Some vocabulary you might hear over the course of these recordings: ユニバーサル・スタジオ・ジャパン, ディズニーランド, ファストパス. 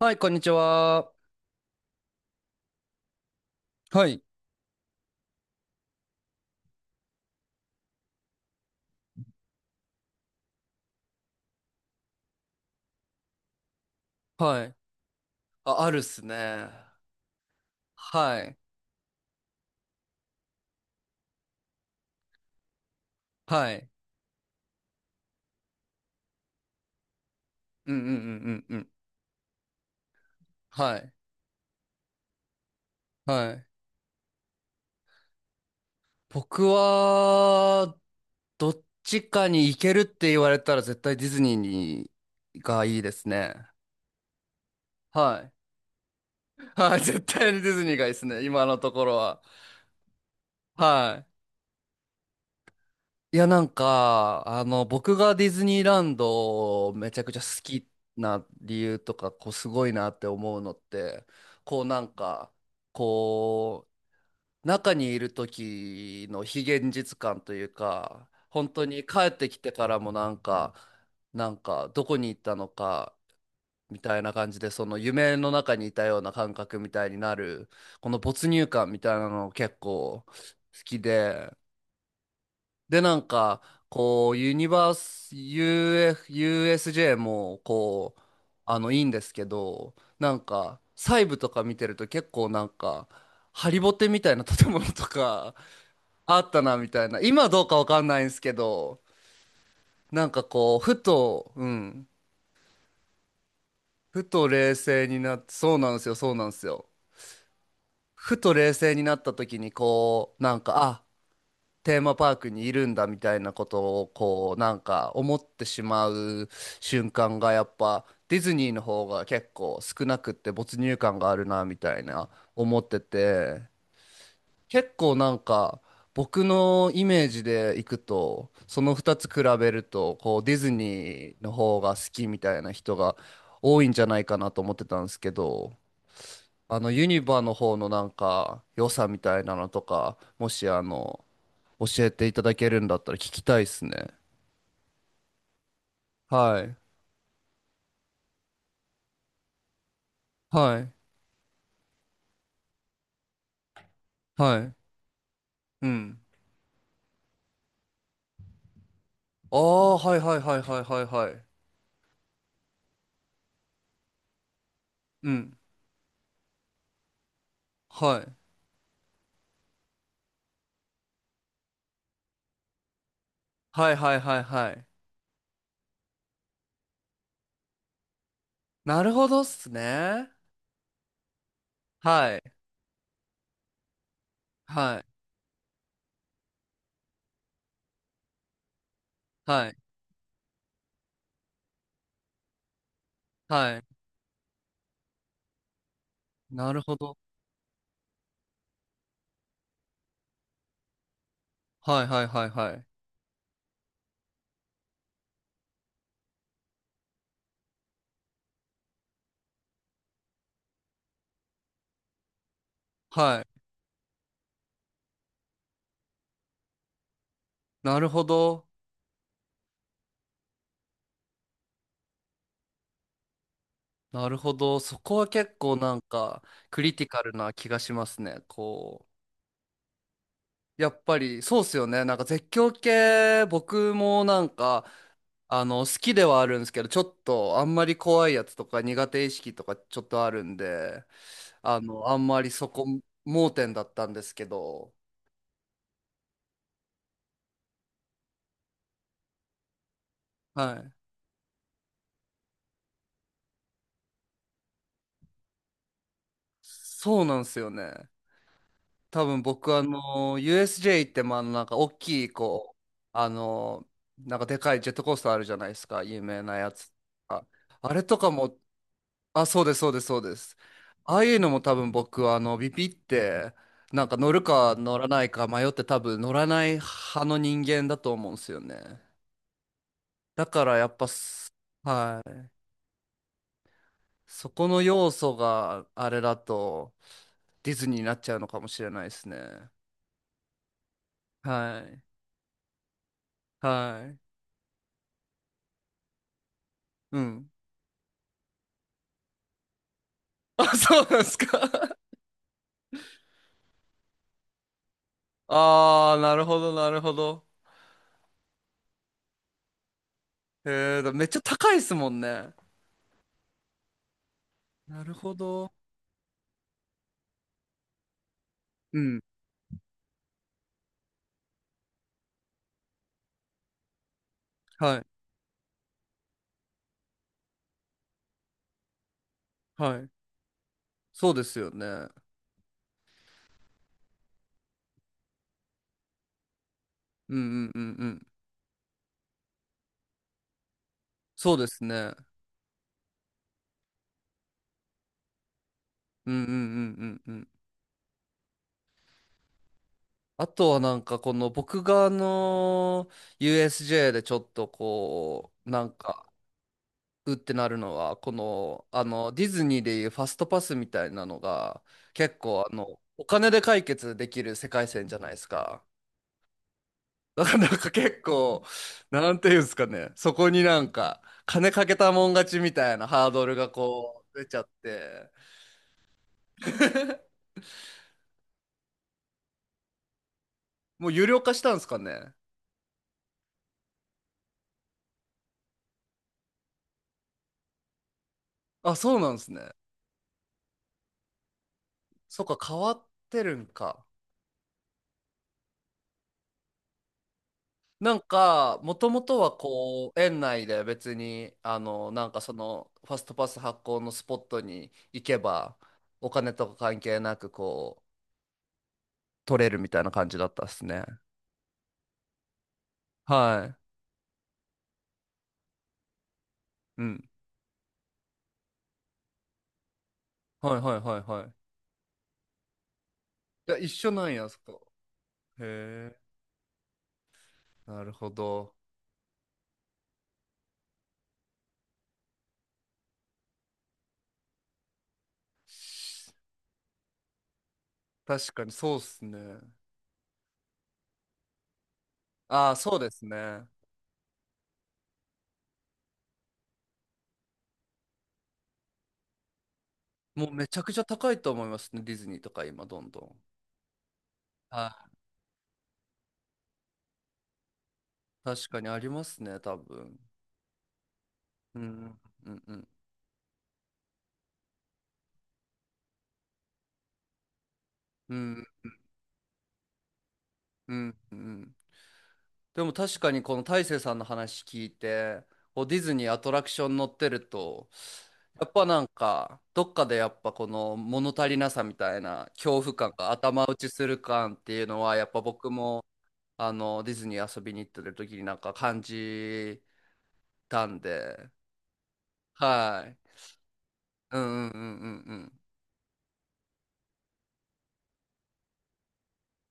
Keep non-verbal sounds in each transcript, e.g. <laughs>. はい、こんにちは。はい。はい。あ、あるっすね。はい。はい。うんうんうんうんうん。はい。はい。僕は、どっちかに行けるって言われたら絶対ディズニーにがいいですね。はい。はい。絶対にディズニーがいいですね。今のところは。はい。いや、なんか、僕がディズニーランドをめちゃくちゃ好きな理由とか、こう、すごいなって思うのって、こう、なんか、こ中にいる時の非現実感というか、本当に帰ってきてからもなんか、なんか、どこに行ったのか、みたいな感じで、その夢の中にいたような感覚みたいになる、この没入感みたいなの結構好きで、で、なんか、こう、ユニバース、UF、USJ も、こう、いいんですけど、なんか、細部とか見てると結構なんか、ハリボテみたいな建物とか、<laughs> あったな、みたいな。今どうかわかんないんですけど、なんかこう、ふと冷静になって、そうなんですよ、そうなんですよ。ふと冷静になった時に、こう、なんか、あ、テーマパークにいるんだみたいなことをこうなんか思ってしまう瞬間がやっぱディズニーの方が結構少なくって没入感があるなみたいな思ってて、結構なんか僕のイメージでいくとその2つ比べるとこうディズニーの方が好きみたいな人が多いんじゃないかなと思ってたんですけど、あのユニバの方のなんか良さみたいなのとかもしあの教えていただけるんだったら聞きたいっすね。はい。はい。はい。うん。ああ、はいはいはいはいはいはい。うん。はい。はいはいはいはい。なるほどっすね。はい。はい。はい。はい。なるほど。はいはいはいはい。はい。なるほど。なるほど。そこは結構なんかクリティカルな気がしますね。こう。やっぱりそうっすよね。なんか絶叫系僕もなんか好きではあるんですけど、ちょっとあんまり怖いやつとか苦手意識とかちょっとあるんで、あんまりそこ盲点だったんですけど、はい。そうなんですよね。多分僕あの、USJ ってまあなんか大きいこう、あの、なんかでかいジェットコースターあるじゃないですか、有名なやつ。ああれとかも、あ、そうです、そうです、そうです。ああいうのも多分僕はあのビビってなんか乗るか乗らないか迷って多分乗らない派の人間だと思うんですよね。だからやっぱす、はい。そこの要素があれだとディズニーになっちゃうのかもしれないですね。はい。はい。うん。<laughs> あ、そうなんですか。<laughs> ああ、なるほど、なるほど。えー、めっちゃ高いですもんね。なるほど。うん。はい。はい。そうですよね。うんうんうんうん。そうですね。うんうんうんうんうん。あとはなんかこの僕があの USJ でちょっとこうなんかうってなるのは、このあのディズニーでいうファストパスみたいなのが結構あのお金で解決できる世界線じゃないですか。だからなんか結構なんていうんですかね、そこになんか金かけたもん勝ちみたいなハードルがこう出ちゃって、 <laughs> もう有料化したんですかね。あ、そうなんですね。そっか、変わってるんか。なんか、もともとはこう、園内で別に、あの、なんかその、ファストパス発行のスポットに行けば、お金とか関係なく、こう、取れるみたいな感じだったっすね。はい。うん。はいはいはいはい。いや、一緒なんや、そこ。へえ、なるほど。確かにそうっすね。ああ、そうですね。もうめちゃくちゃ高いと思いますね、ディズニーとか今、どんどん。はい。確かにありますね、多分。うん、うん、うん、うん、うん、うん。でも確かにこの大勢さんの話聞いて、こうディズニーアトラクション乗ってると、やっぱなんか、どっかでやっぱこの物足りなさみたいな恐怖感が頭打ちする感っていうのは、やっぱ僕もあのディズニー遊びに行ってる時になんか感じたんで、はい。うんうんうんうんうん。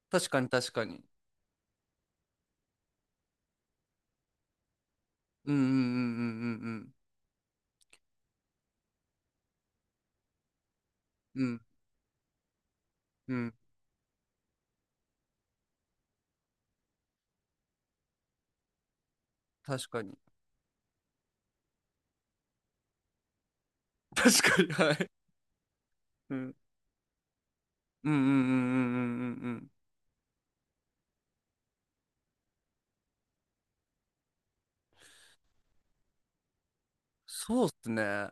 確かに確かに。うんうんうんうんうんうん。うんうん確かに。確かに、はい。うん。うんうんうんうんうんうんうん。そうっすね。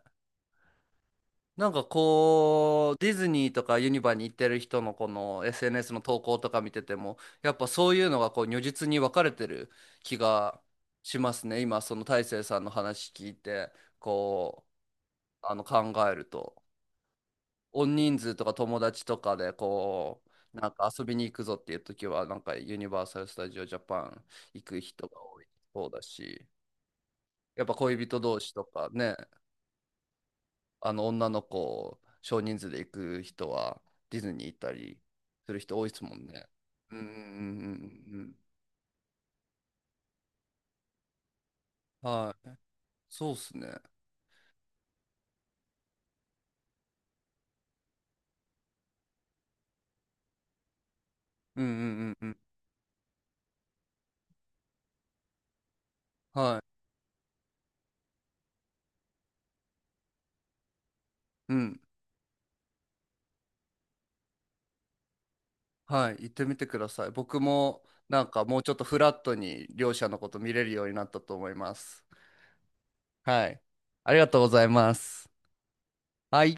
なんかこう、ディズニーとかユニバに行ってる人のこの SNS の投稿とか見てても、やっぱそういうのがこう如実に分かれてる気がしますね。今、その大成さんの話聞いて、こう、あの考えると。大人数とか友達とかでこう、なんか遊びに行くぞっていう時は、なんかユニバーサル・スタジオ・ジャパン行く人が多いそうだし。やっぱ恋人同士とかね、あの女の子、少人数で行く人はディズニー行ったりする人多いですもんね。うんうんうんうんうん。はい。そうっすね。うんうんうんうん。はい。うん。はい。行ってみてください。僕もなんかもうちょっとフラットに両者のこと見れるようになったと思います。はい。ありがとうございます。はい。